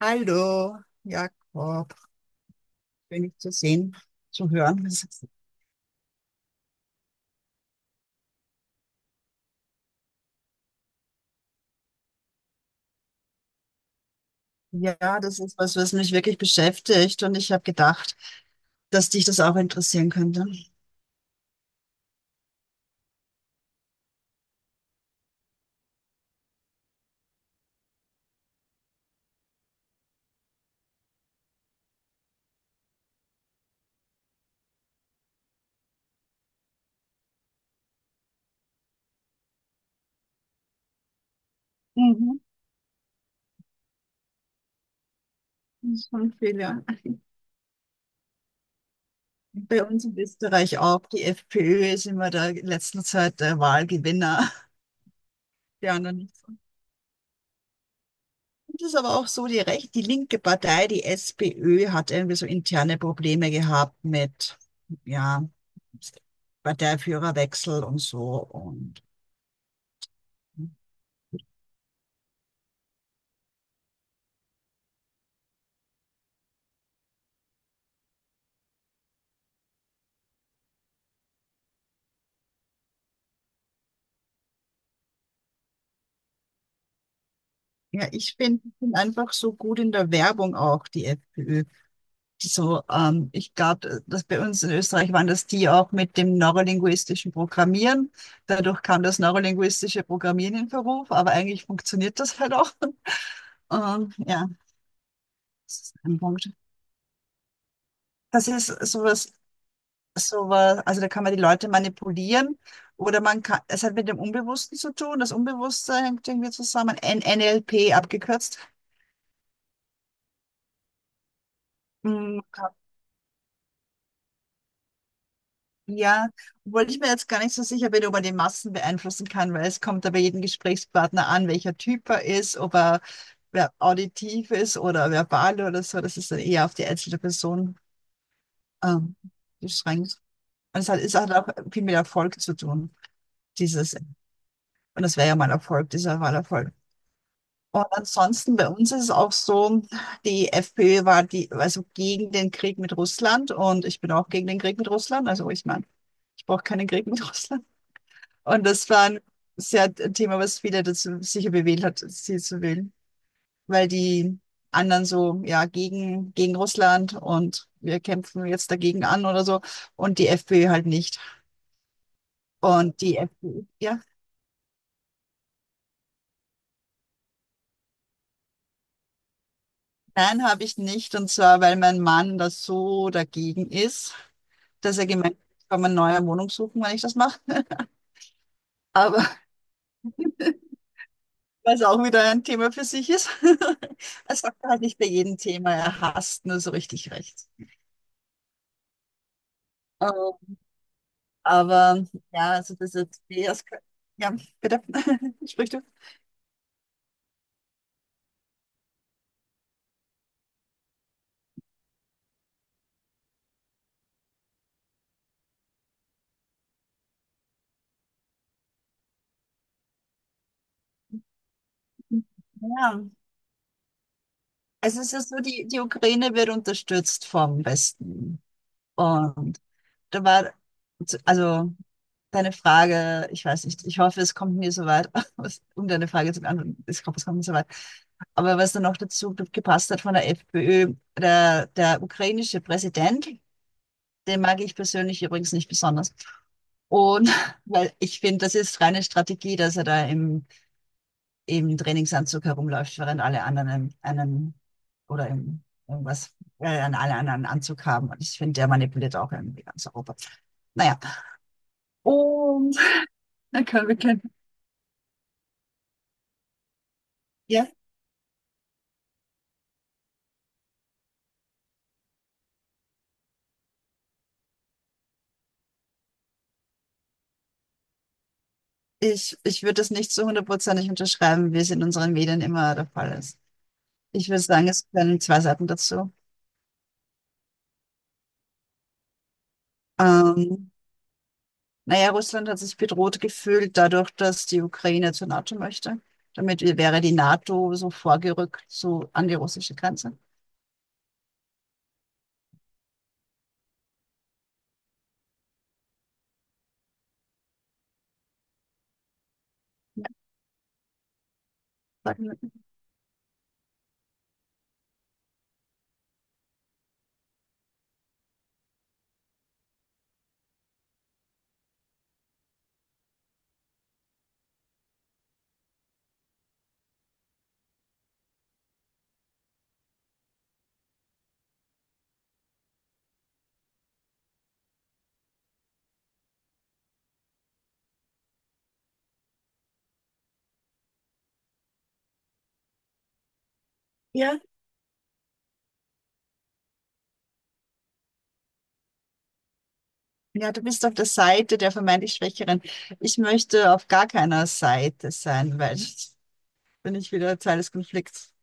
Hallo, Jakob, bin ich zu sehen, zu hören. Ja, das ist was, was mich wirklich beschäftigt und ich habe gedacht, dass dich das auch interessieren könnte. Mhm, das ist schon viel, ja. Bei uns in Österreich auch. Die FPÖ ist immer der in letzter Zeit der Wahlgewinner. Die anderen nicht so. Und es ist aber auch so, die linke Partei, die SPÖ, hat irgendwie so interne Probleme gehabt mit, ja, Parteiführerwechsel und so. Ja, ich bin einfach so gut in der Werbung auch, die FPÖ. Die So, ich glaube, dass bei uns in Österreich waren das die auch mit dem neurolinguistischen Programmieren. Dadurch kam das neurolinguistische Programmieren in Verruf, aber eigentlich funktioniert das halt auch. Ja, das ist ein Punkt. Das ist sowas, also da kann man die Leute manipulieren oder es hat mit dem Unbewussten zu tun. Das Unbewusste hängt irgendwie zusammen. N NLP abgekürzt. Mm, ja, obwohl ich mir jetzt gar nicht so sicher bin, ob man die Massen beeinflussen kann, weil es kommt ja bei jedem Gesprächspartner an, welcher Typ er ist, ob er auditiv ist oder verbal oder so. Das ist dann eher auf die einzelne Person ähm, beschränkt. Und es hat auch viel mit Erfolg zu tun, dieses. Und das wäre ja mal Erfolg, dieser Wahlerfolg. Und ansonsten bei uns ist es auch so, die FPÖ war die, also gegen den Krieg mit Russland und ich bin auch gegen den Krieg mit Russland. Also ich meine, ich brauche keinen Krieg mit Russland. Und das war sehr ein Thema, was viele dazu sicher bewegt hat, sie zu wählen. Weil die anderen so, ja, gegen Russland und wir kämpfen jetzt dagegen an oder so. Und die FPÖ halt nicht. Und die FPÖ, ja. Nein, habe ich nicht. Und zwar, weil mein Mann da so dagegen ist, dass er gemeint hat, ich kann mir eine neue Wohnung suchen, wenn ich das mache. Aber was auch wieder ein Thema für sich ist. Er sagt halt nicht bei jedem Thema, er hasst nur so richtig rechts. Ähm, Aber ja, also das ist ja, bitte, sprich du. Ja. Also es ist so, die Ukraine wird unterstützt vom Westen. Und da war, also deine Frage, ich weiß nicht, ich hoffe, es kommt mir so weit, um deine Frage zu beantworten, ich hoffe, es kommt mir so weit. Aber was dann noch dazu gepasst hat von der FPÖ, der ukrainische Präsident. Den mag ich persönlich übrigens nicht besonders. Und weil ich finde, das ist reine Strategie, dass er da im Trainingsanzug herumläuft, während alle anderen einen oder im, alle anderen einen Anzug haben. Und ich finde, der manipuliert auch irgendwie ganz Europa. Naja. Und dann können wir kennen. Ja, ich würde das nicht zu hundertprozentig unterschreiben, wie es in unseren Medien immer der Fall ist. Ich würde sagen, es werden zwei Seiten dazu. Ähm, Naja, Russland hat sich bedroht gefühlt dadurch, dass die Ukraine zur NATO möchte. Damit wäre die NATO so vorgerückt so an die russische Grenze. Sagen wir. Ja, ja, du bist auf der Seite der vermeintlich Schwächeren. Ich möchte auf gar keiner Seite sein, weil jetzt bin ich wieder Teil des Konflikts.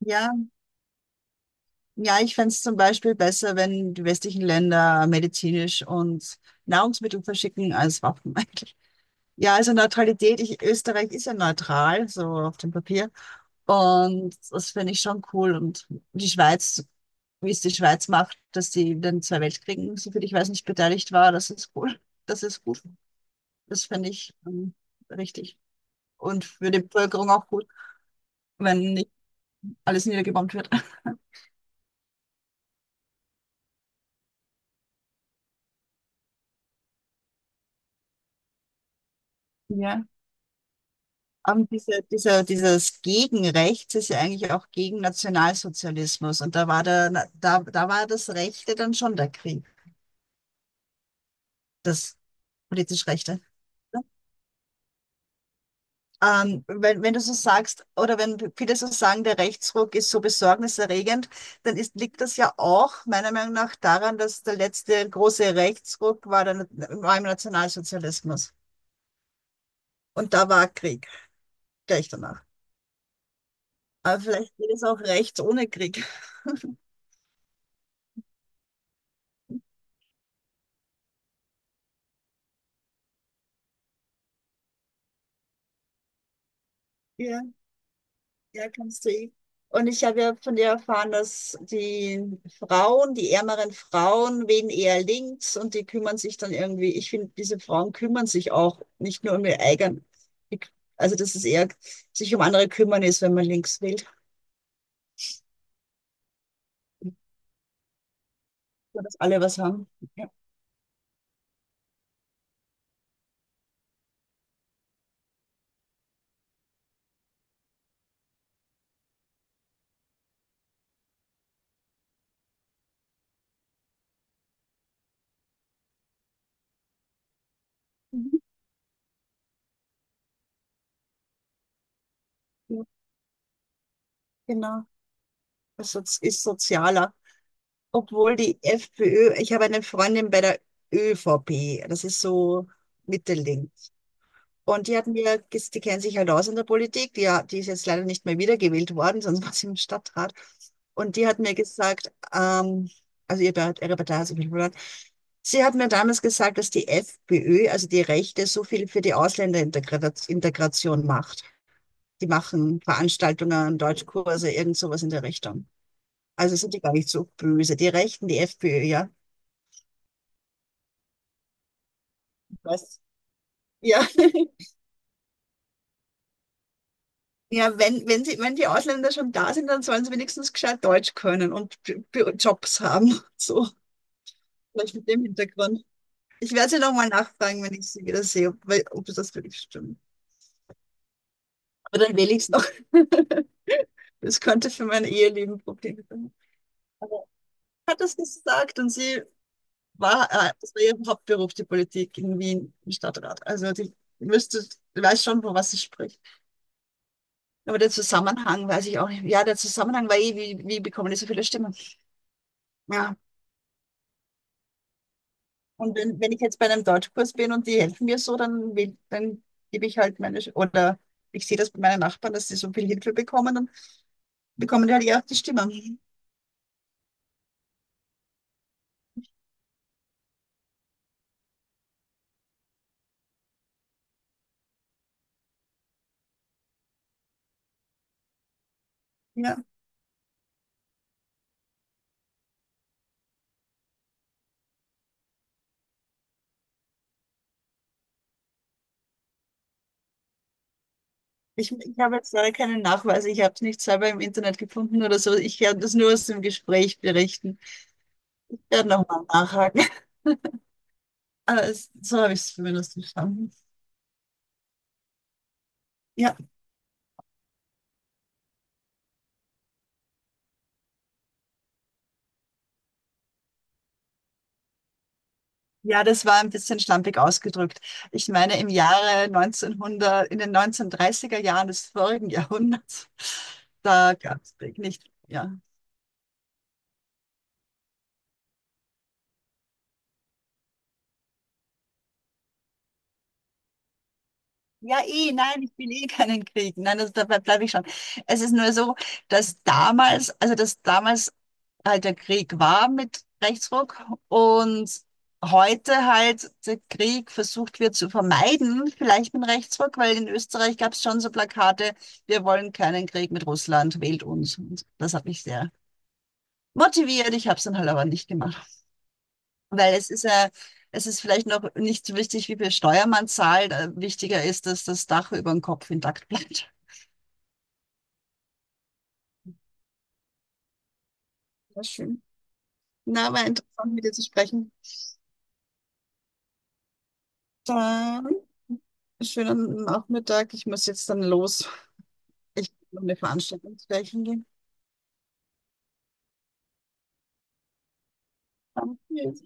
Ja, ja, ich fände es zum Beispiel besser, wenn die westlichen Länder medizinisch und Nahrungsmittel verschicken als Waffen eigentlich. Ja, also Neutralität. Österreich ist ja neutral, so auf dem Papier. Und das finde ich schon cool. Und die Schweiz, wie es die Schweiz macht, dass sie in den zwei Weltkriegen, soviel ich weiß, nicht beteiligt war, das ist cool. Das ist gut. Das finde ich richtig. Und für die Bevölkerung auch gut, wenn nicht alles niedergebombt wird. Ja. Aber dieses Gegenrechts ist ja eigentlich auch gegen Nationalsozialismus. Und da war das Rechte dann schon der Krieg, das politisch Rechte. Wenn du so sagst, oder wenn viele so sagen, der Rechtsruck ist so besorgniserregend, liegt das ja auch meiner Meinung nach daran, dass der letzte große Rechtsruck war im Nationalsozialismus. Und da war Krieg gleich danach. Aber vielleicht geht es auch rechts ohne Krieg. Ja. Ja, kannst du ihn. Und ich habe ja von dir erfahren, dass die Frauen, die ärmeren Frauen, wählen eher links und die kümmern sich dann irgendwie. Ich finde, diese Frauen kümmern sich auch nicht nur um ihr eigen. die- Also, dass es eher sich um andere kümmern ist, wenn man links wählt. So, dass alle was haben. Ja. Mhm. Ja, genau. Also, es ist sozialer. Obwohl die FPÖ, ich habe eine Freundin bei der ÖVP, das ist so Mitte-Links. Und die hat mir, ges- die kennt sich halt aus in der Politik, die ist jetzt leider nicht mehr wiedergewählt worden, sonst war sie im Stadtrat. Und die hat mir gesagt, also ihre Partei hat sich nicht verloren. Sie hat mir damals gesagt, dass die FPÖ, also die Rechte, so viel für die Ausländerintegration Integration macht. Die machen Veranstaltungen, Deutschkurse, irgend sowas in der Richtung. Also sind die gar nicht so böse. Die Rechten, die FPÖ, ja. Was? Ja. Ja, wenn die Ausländer schon da sind, dann sollen sie wenigstens gescheit Deutsch können und Jobs haben. So, vielleicht mit dem Hintergrund. Ich werde sie nochmal nachfragen, wenn ich sie wieder sehe, ob das wirklich stimmt. Aber dann wähle ich es noch. Das könnte für mein Eheleben Probleme sein. Aber sie hat das gesagt und das war ihr Hauptberuf, die Politik in Wien im Stadtrat. Also müsste, weiß schon, von was sie spricht. Aber der Zusammenhang weiß ich auch nicht. Ja, der Zusammenhang war eh, wie bekommen die so viele Stimmen? Ja. Und wenn ich jetzt bei einem Deutschkurs bin und die helfen mir so, dann gebe ich halt oder ich sehe das bei meinen Nachbarn, dass sie so viel Hilfe bekommen, dann bekommen die halt eher auf die Stimme. Ja, ich habe jetzt leider keinen Nachweis, ich habe es nicht selber im Internet gefunden oder so. Ich kann das nur aus dem Gespräch berichten. Ich werde nochmal nachhaken. Aber so habe ich es zumindest verstanden. Ja. Ja, das war ein bisschen schlampig ausgedrückt. Ich meine, im Jahre 1900, in den 1930er Jahren des vorigen Jahrhunderts, da gab es Krieg nicht. Ja. Ja, eh, nein, ich will eh keinen Krieg. Nein, also dabei bleibe ich schon. Es ist nur so, dass damals, also dass damals halt der Krieg war mit Rechtsruck und heute halt der Krieg versucht wird zu vermeiden, vielleicht mit Rechtsruck, weil in Österreich gab es schon so Plakate, wir wollen keinen Krieg mit Russland, wählt uns. Und das hat mich sehr motiviert. Ich habe es dann halt aber nicht gemacht, weil es ist vielleicht noch nicht so wichtig, wie viel Steuer man zahlt. Wichtiger ist, dass das Dach über dem Kopf intakt bleibt. Sehr schön. Na, war interessant, mit dir zu sprechen. Dann schönen Nachmittag. Ich muss jetzt dann los. Ich muss noch eine Veranstaltung gleich gehen. Danke.